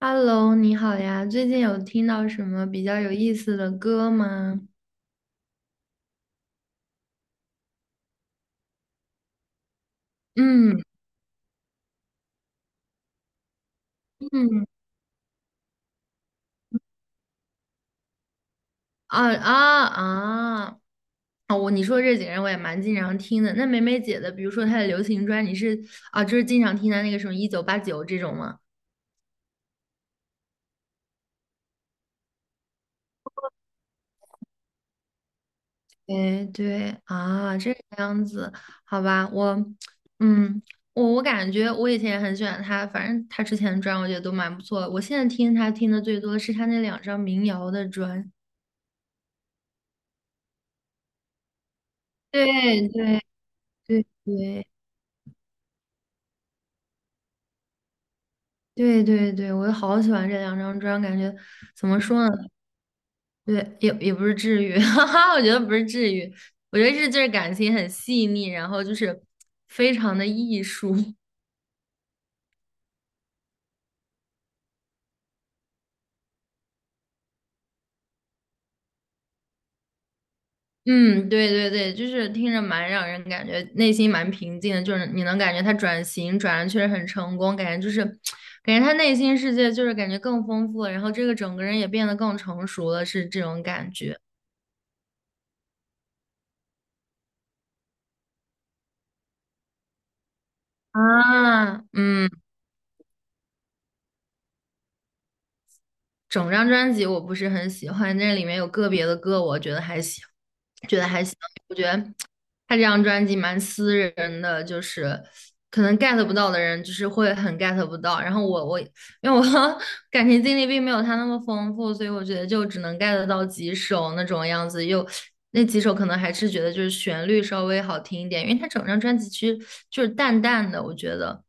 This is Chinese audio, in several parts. Hello，你好呀，最近有听到什么比较有意思的歌吗？嗯嗯。啊啊啊！啊，你说这几个人我也蛮经常听的。那梅梅姐的，比如说她的流行专，啊，就是经常听她那个什么1989这种吗？对对啊，这个样子，好吧，嗯，我感觉我以前也很喜欢她，反正她之前的专我觉得都蛮不错的。我现在听她听的最多的是她那两张民谣的专。对对对对对对对，我好喜欢这两张专，感觉怎么说呢？对，也不是治愈，哈哈，我觉得不是治愈，我觉得是就是感情很细腻，然后就是非常的艺术。嗯，对对对，就是听着蛮让人感觉内心蛮平静的，就是你能感觉他转型转的确实很成功，感觉就是感觉他内心世界就是感觉更丰富了，然后这个整个人也变得更成熟了，是这种感觉啊，嗯。整张专辑我不是很喜欢，那里面有个别的歌我觉得还行，觉得还行。我觉得他这张专辑蛮私人的，就是可能 get 不到的人，就是会很 get 不到。然后我因为我 感情经历并没有他那么丰富，所以我觉得就只能 get 到几首那种样子，又那几首可能还是觉得就是旋律稍微好听一点，因为他整张专辑其实就是淡淡的，我觉得。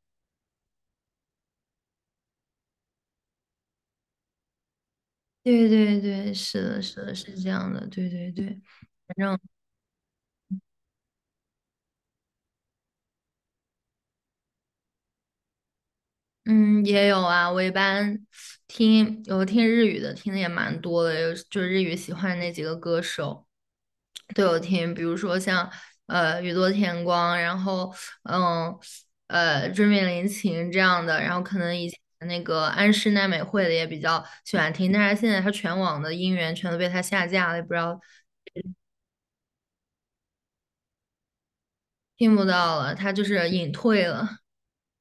对对对，是的，是的，是这样的，对对对，反正嗯，也有啊。我一般有听日语的，听的也蛮多的，有就是日语喜欢那几个歌手都有听，比如说像宇多田光，然后嗯椎名林檎这样的，然后可能以前那个安室奈美惠的也比较喜欢听，但是现在她全网的音源全都被她下架了，也不知道听不到了，她就是隐退了，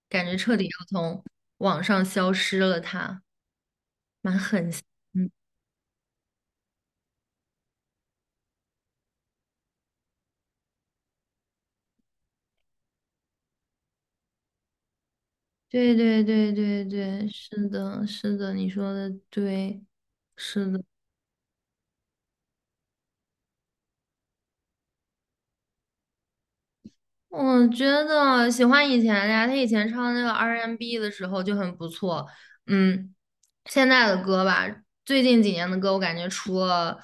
感觉彻底要从网上消失了她。对对对对对，是的，是的，你说的对，是的。我觉得喜欢以前的呀，他以前唱那个 R&B n 的时候就很不错。嗯，现在的歌吧，最近几年的歌，我感觉除了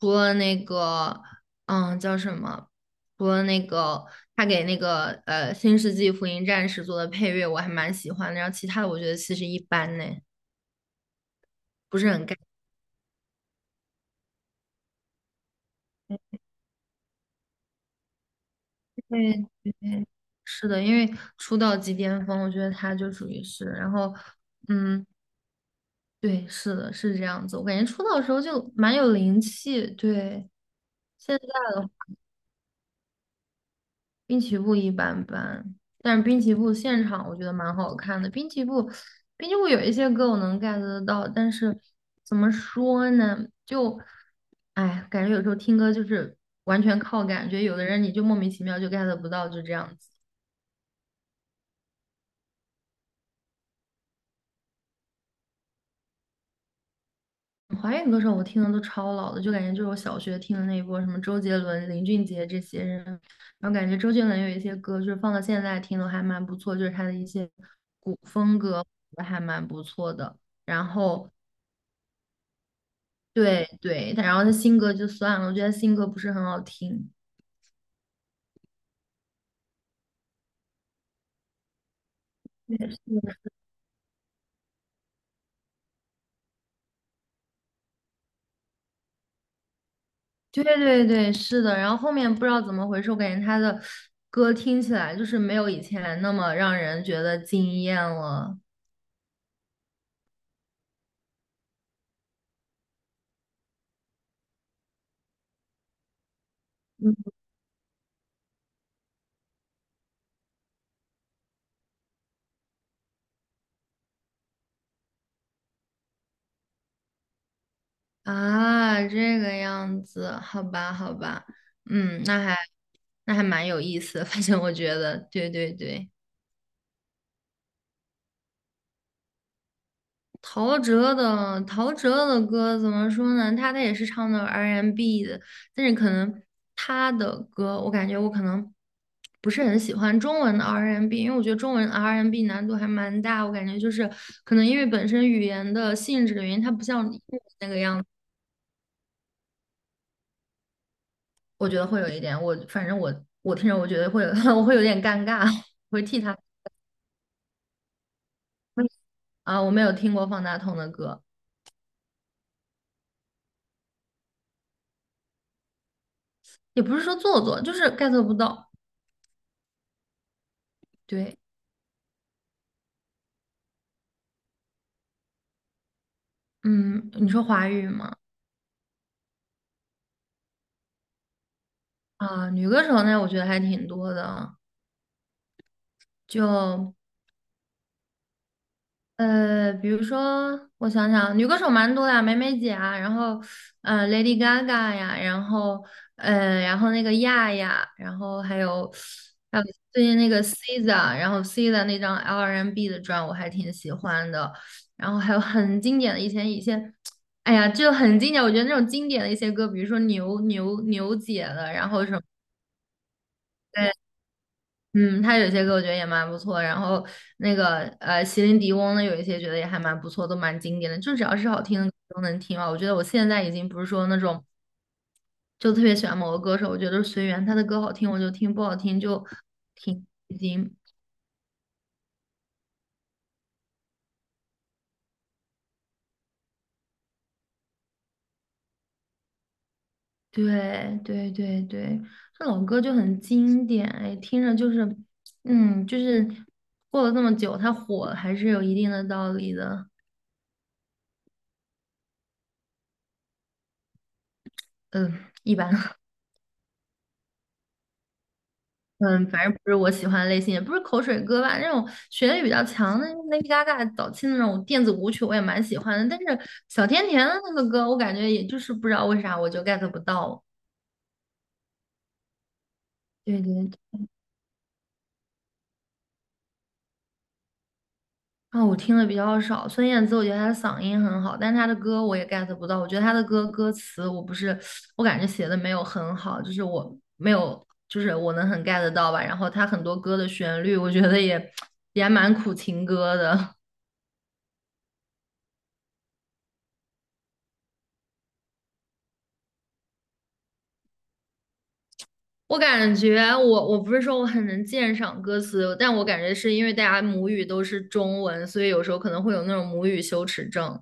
那个，嗯，叫什么？除了那个他给那个《新世纪福音战士》做的配乐，我还蛮喜欢的。然后其他的，我觉得其实一般呢，不是很 get。对对，是的，因为出道即巅峰，我觉得他就属于是，然后，嗯，对，是的，是这样子。我感觉出道的时候就蛮有灵气，对。现在的话滨崎步一般般，但是滨崎步现场我觉得蛮好看的。滨崎步有一些歌我能 get 得到，但是怎么说呢？就，哎，感觉有时候听歌就是完全靠感觉，有的人你就莫名其妙就 get 不到，就这样子。华语歌手我听的都超老的，就感觉就是我小学听的那一波，什么周杰伦、林俊杰这些人，然后感觉周杰伦有一些歌就是放到现在听都还蛮不错，就是他的一些古风歌还蛮不错的。然后对对，他然后他新歌就算了，我觉得新歌不是很好听。对对对，是的。然后后面不知道怎么回事，我感觉他的歌听起来就是没有以前那么让人觉得惊艳了。啊，这个样子，好吧，好吧，嗯，那还那还蛮有意思 反正我觉得，对对对，陶喆的歌怎么说呢？他也是唱的 R&B n 的，但是可能他的歌，我感觉我可能不是很喜欢中文的 R&B，n 因为我觉得中文 R&B n 难度还蛮大，我感觉就是可能因为本身语言的性质的原因，它不像英文那个样。我觉得会有一点，我反正我听着，我觉得会有，我会有点尴尬，我会替他啊，我没有听过方大同的歌，也不是说做作，就是 get 不到。对，嗯，你说华语吗？啊，女歌手呢，我觉得还挺多的，就比如说，我想想，女歌手蛮多的，梅梅姐啊，然后Lady Gaga 呀，然后那个亚亚，然后还有最近那个 SZA，然后 SZA 那张 R&B 的专我还挺喜欢的，然后还有很经典的以前一些，哎呀，就很经典，我觉得那种经典的一些歌，比如说牛姐的，然后什么。嗯，他有些歌我觉得也蛮不错，然后那个席琳迪翁的有一些觉得也还蛮不错，都蛮经典的，就只要是好听的歌都能听嘛。我觉得我现在已经不是说那种就特别喜欢某个歌手，我觉得随缘，他的歌好听我就听，不好听就听，已经。对对对对，这老歌就很经典，哎，听着就是就是过了这么久，它火还是有一定的道理的。嗯，一般。嗯，反正不是我喜欢的类型，也不是口水歌吧。那种旋律比较强的 Lady Gaga 早期的那种电子舞曲，我也蛮喜欢的。但是小甜甜的那个歌，我感觉也就是不知道为啥我就 get 不到。对对，对，啊，我听的比较少。孙燕姿，我觉得她的嗓音很好，但是她的歌我也 get 不到。我觉得她的歌词，我不是，我感觉写的没有很好，就是我没有，就是我能很 get 到吧。然后她很多歌的旋律，我觉得也 也还蛮苦情歌的。我感觉我不是说我很能鉴赏歌词，但我感觉是因为大家母语都是中文，所以有时候可能会有那种母语羞耻症。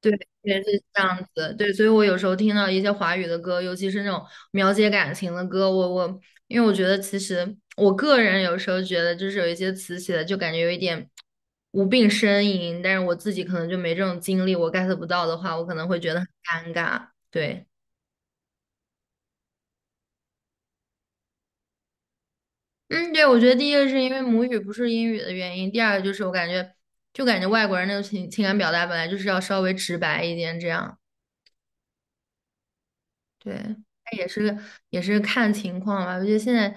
对，也是这样子。对，所以我有时候听到一些华语的歌，尤其是那种描写感情的歌，我因为我觉得其实我个人有时候觉得就是有一些词写的就感觉有一点无病呻吟，但是我自己可能就没这种经历，我 get 不到的话，我可能会觉得很尴尬。对。嗯，对，我觉得第一个是因为母语不是英语的原因，第二个就是我感觉，就感觉外国人那种情感表达本来就是要稍微直白一点，这样，对，但也是看情况吧。我觉得现在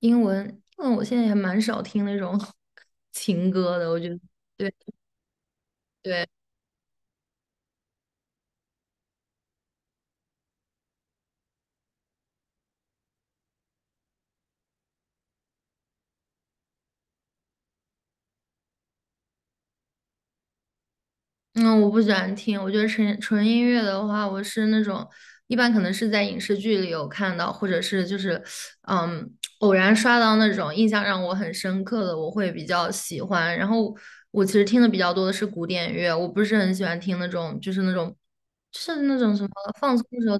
英文，我现在也蛮少听那种 情歌的，我觉得，对对嗯，我不喜欢听，我觉得纯音乐的话，我是那种一般可能是在影视剧里有看到，或者是就是嗯偶然刷到那种印象让我很深刻的，我会比较喜欢。然后我其实听的比较多的是古典乐，我不是很喜欢听那种什么放松的时候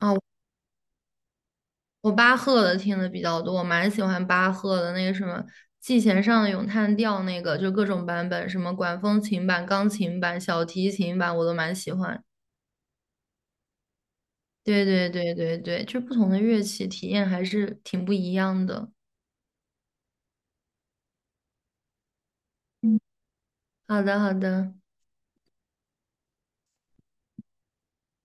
啊，我巴赫的听的比较多，我蛮喜欢巴赫的那个什么《季弦上的咏叹调》那个，就各种版本，什么管风琴版、钢琴版、小提琴版，我都蛮喜欢。对对对对对，就不同的乐器体验还是挺不一样的。嗯，好的，好的。